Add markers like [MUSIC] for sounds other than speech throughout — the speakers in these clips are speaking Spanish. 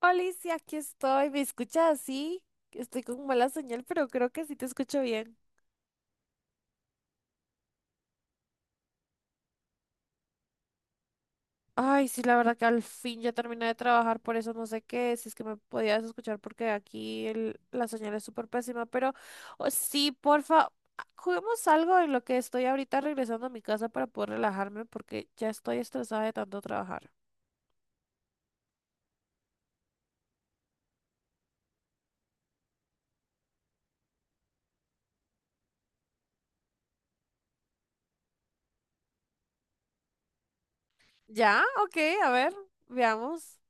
Alicia, aquí estoy. ¿Me escuchas así? Estoy con mala señal, pero creo que sí te escucho bien. Ay, sí, la verdad que al fin ya terminé de trabajar, por eso no sé qué, si es que me podías escuchar porque aquí la señal es súper pésima, pero oh, sí, porfa, juguemos algo en lo que estoy ahorita regresando a mi casa para poder relajarme porque ya estoy estresada de tanto trabajar. ¿Ya? Ok, a ver, veamos.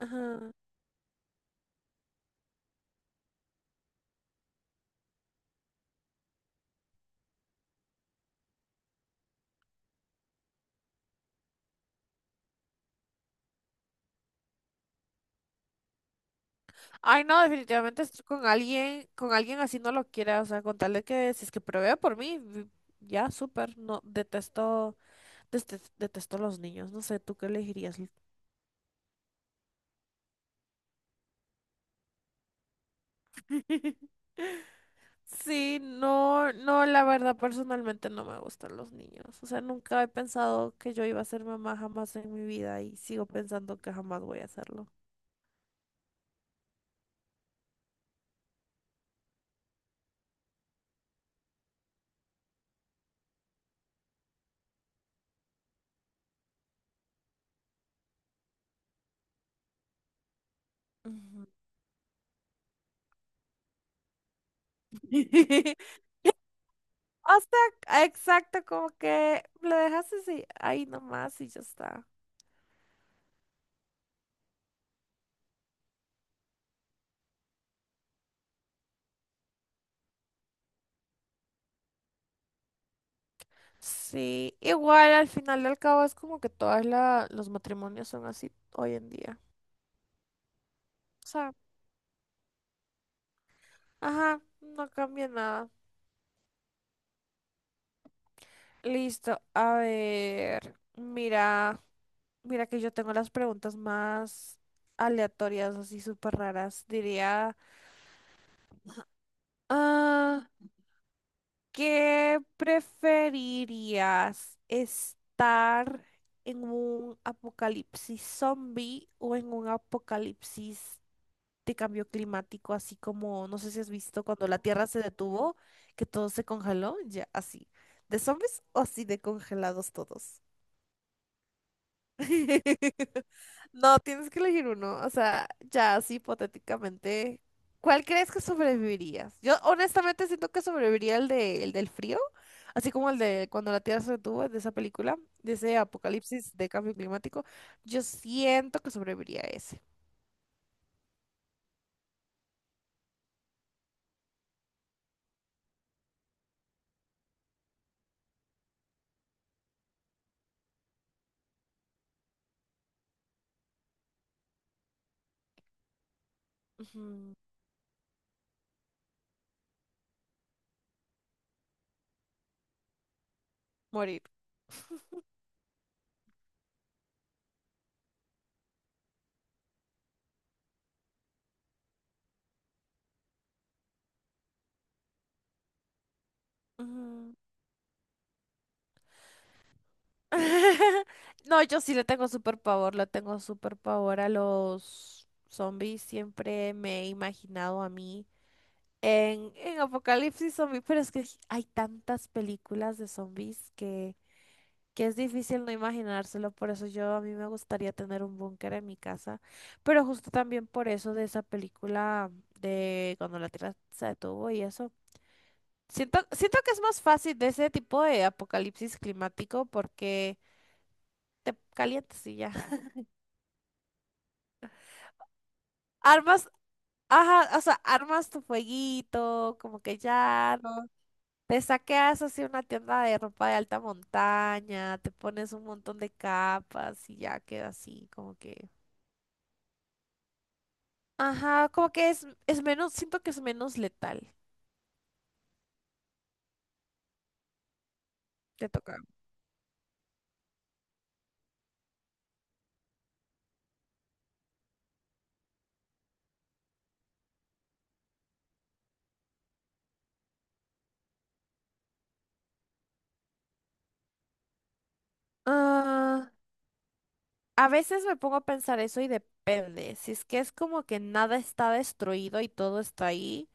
Ajá. Ay, no, definitivamente estoy con alguien así no lo quiera, o sea, con tal de que si es que provea por mí, ya, súper, no, detesto, detesto los niños, no sé, ¿tú qué elegirías? [LAUGHS] Sí, no, no, la verdad personalmente no me gustan los niños, o sea, nunca he pensado que yo iba a ser mamá jamás en mi vida y sigo pensando que jamás voy a hacerlo. Ujú. [LAUGHS] O sea, exacto, como que lo dejas así, ahí nomás y ya está. Sí, igual al final del cabo es como que todos los matrimonios son así hoy en día. O sea, ajá, no cambia nada. Listo, a ver, mira, mira que yo tengo las preguntas más aleatorias, así súper raras. Diría, ah, ¿qué preferirías? ¿Estar en un apocalipsis zombie o en un apocalipsis de cambio climático? Así como, no sé si has visto cuando la Tierra se detuvo, que todo se congeló, ya así. ¿De zombies o así de congelados todos? [LAUGHS] No, tienes que elegir uno. O sea, ya así hipotéticamente, ¿cuál crees que sobrevivirías? Yo honestamente siento que sobreviviría el del frío, así como el de cuando la Tierra se detuvo, de esa película, de ese apocalipsis de cambio climático. Yo siento que sobreviviría a ese. Ujú, Morir. Ujú. [LAUGHS] No, yo sí le tengo súper pavor, le tengo súper pavor a los zombies. Siempre me he imaginado a mí. En Apocalipsis Zombie, pero es que hay tantas películas de zombies que es difícil no imaginárselo, por eso yo a mí me gustaría tener un búnker en mi casa, pero justo también por eso de esa película de cuando la Tierra se detuvo y eso. Siento que es más fácil de ese tipo de apocalipsis climático porque te calientas y ya. [LAUGHS] Armas, ajá, o sea, armas tu fueguito, como que ya. No. Te saqueas así una tienda de ropa de alta montaña, te pones un montón de capas y ya queda así, como que... Ajá, como que es menos, siento que es menos letal. Te toca. Ah, a veces me pongo a pensar eso y depende. Si es que es como que nada está destruido y todo está ahí,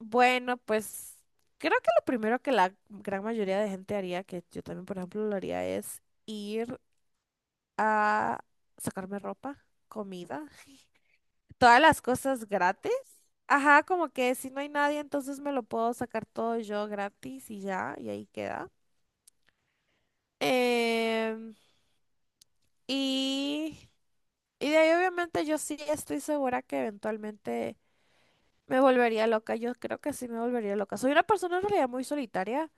bueno, pues creo que lo primero que la gran mayoría de gente haría, que yo también, por ejemplo, lo haría, es ir a sacarme ropa, comida. Todas las cosas gratis. Ajá, como que si no hay nadie, entonces me lo puedo sacar todo yo gratis y ya, y ahí queda. Em, y, y de ahí obviamente yo sí estoy segura que eventualmente me volvería loca. Yo creo que sí me volvería loca. Soy una persona en realidad muy solitaria.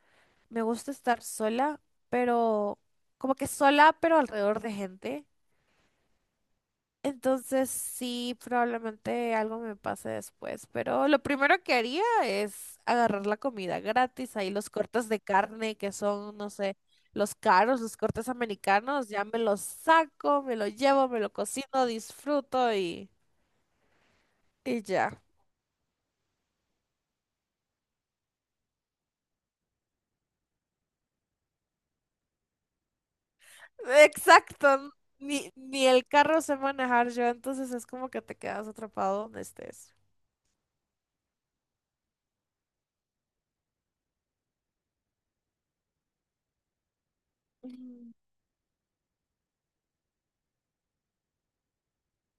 Me gusta estar sola, pero como que sola, pero alrededor de gente. Entonces sí, probablemente algo me pase después, pero lo primero que haría es agarrar la comida gratis, ahí los cortes de carne que son, no sé, los caros, los cortes americanos, ya me los saco, me lo llevo, me lo cocino, disfruto y ya. Exacto, ni el carro sé manejar yo, entonces es como que te quedas atrapado donde estés. Mm.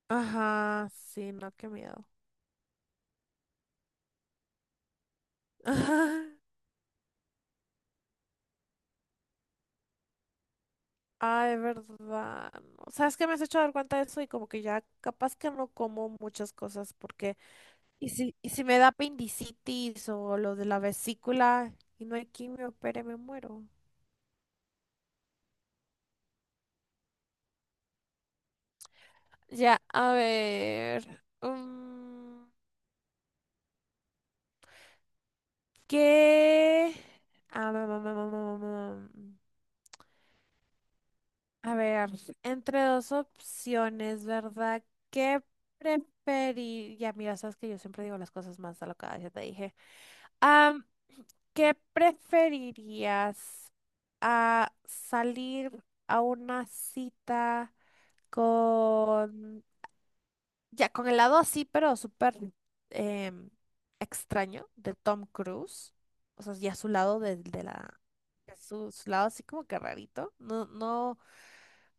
Ajá, sí, no, qué miedo. [LAUGHS] Ah, de verdad. No. O sea, es que me has hecho dar cuenta de eso y como que ya capaz que no como muchas cosas porque... y si me da apendicitis o lo de la vesícula y no hay quimio, opere, me muero. Ya, a ver. ¿Qué? Ah, mm, mm. A ver, entre dos opciones, ¿verdad? ¿Qué preferiría? Mira, sabes que yo siempre digo las cosas más alocadas, ya te dije. Am, ¿qué preferirías? ¿A salir a una cita con... ya, con el lado así, pero súper em, extraño de Tom Cruise? O sea, ya su lado de la... de su lado así como que rarito. No, no,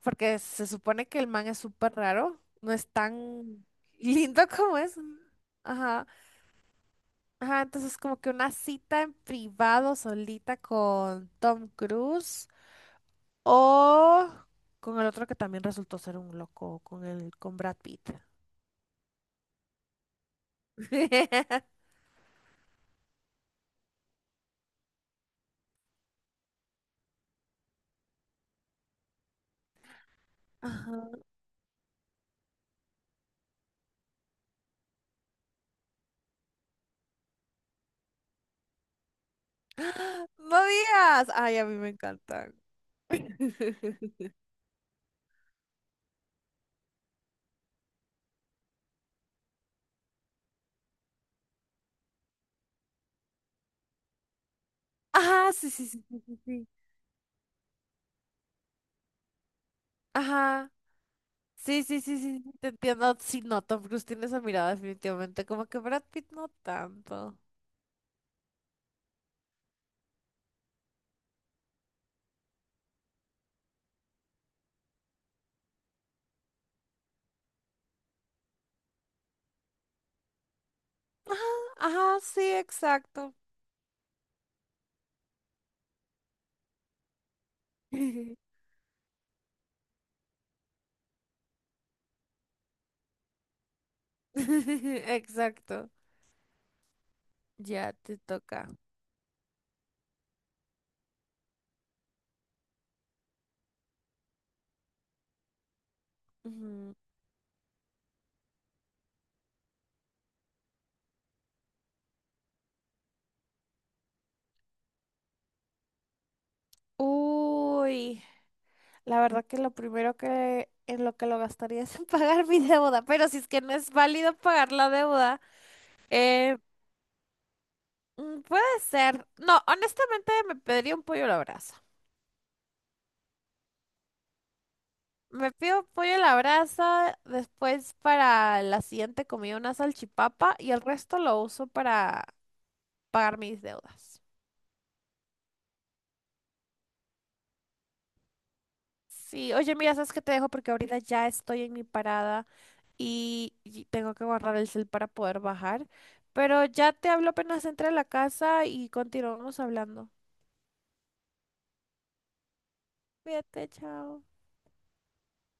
porque se supone que el man es súper raro. No es tan [LAUGHS] lindo como es. Ajá. Ajá, entonces como que una cita en privado solita con Tom Cruise o con el otro que también resultó ser un loco, con el con Brad Pitt. [LAUGHS] Ajá. ¡Ah! No digas. Ay, a mí me encantan. [LAUGHS] Ajá, sí, sí, sí, sí, sí. Sí. Ajá. Sí, sí, sí, sí, sí, te entiendo. Sí, no, Tom Cruise tiene esa mirada definitivamente, como que Brad Pitt no tanto. Ajá, ajá, sí, exacto. [LAUGHS] Exacto. Ya te toca. Ujú. Uy, la verdad que lo primero que en lo que lo gastaría es en [LAUGHS] pagar mi deuda, pero si es que no es válido pagar la deuda, eh, puede ser. No, honestamente me pediría un pollo a la brasa. Me pido pollo a la brasa, después para la siguiente comida una salchipapa y el resto lo uso para pagar mis deudas. Sí, oye, mira, sabes que te dejo porque ahorita ya estoy en mi parada y tengo que guardar el cel para poder bajar. Pero ya te hablo apenas entre a la casa y continuamos hablando. Cuídate, chao.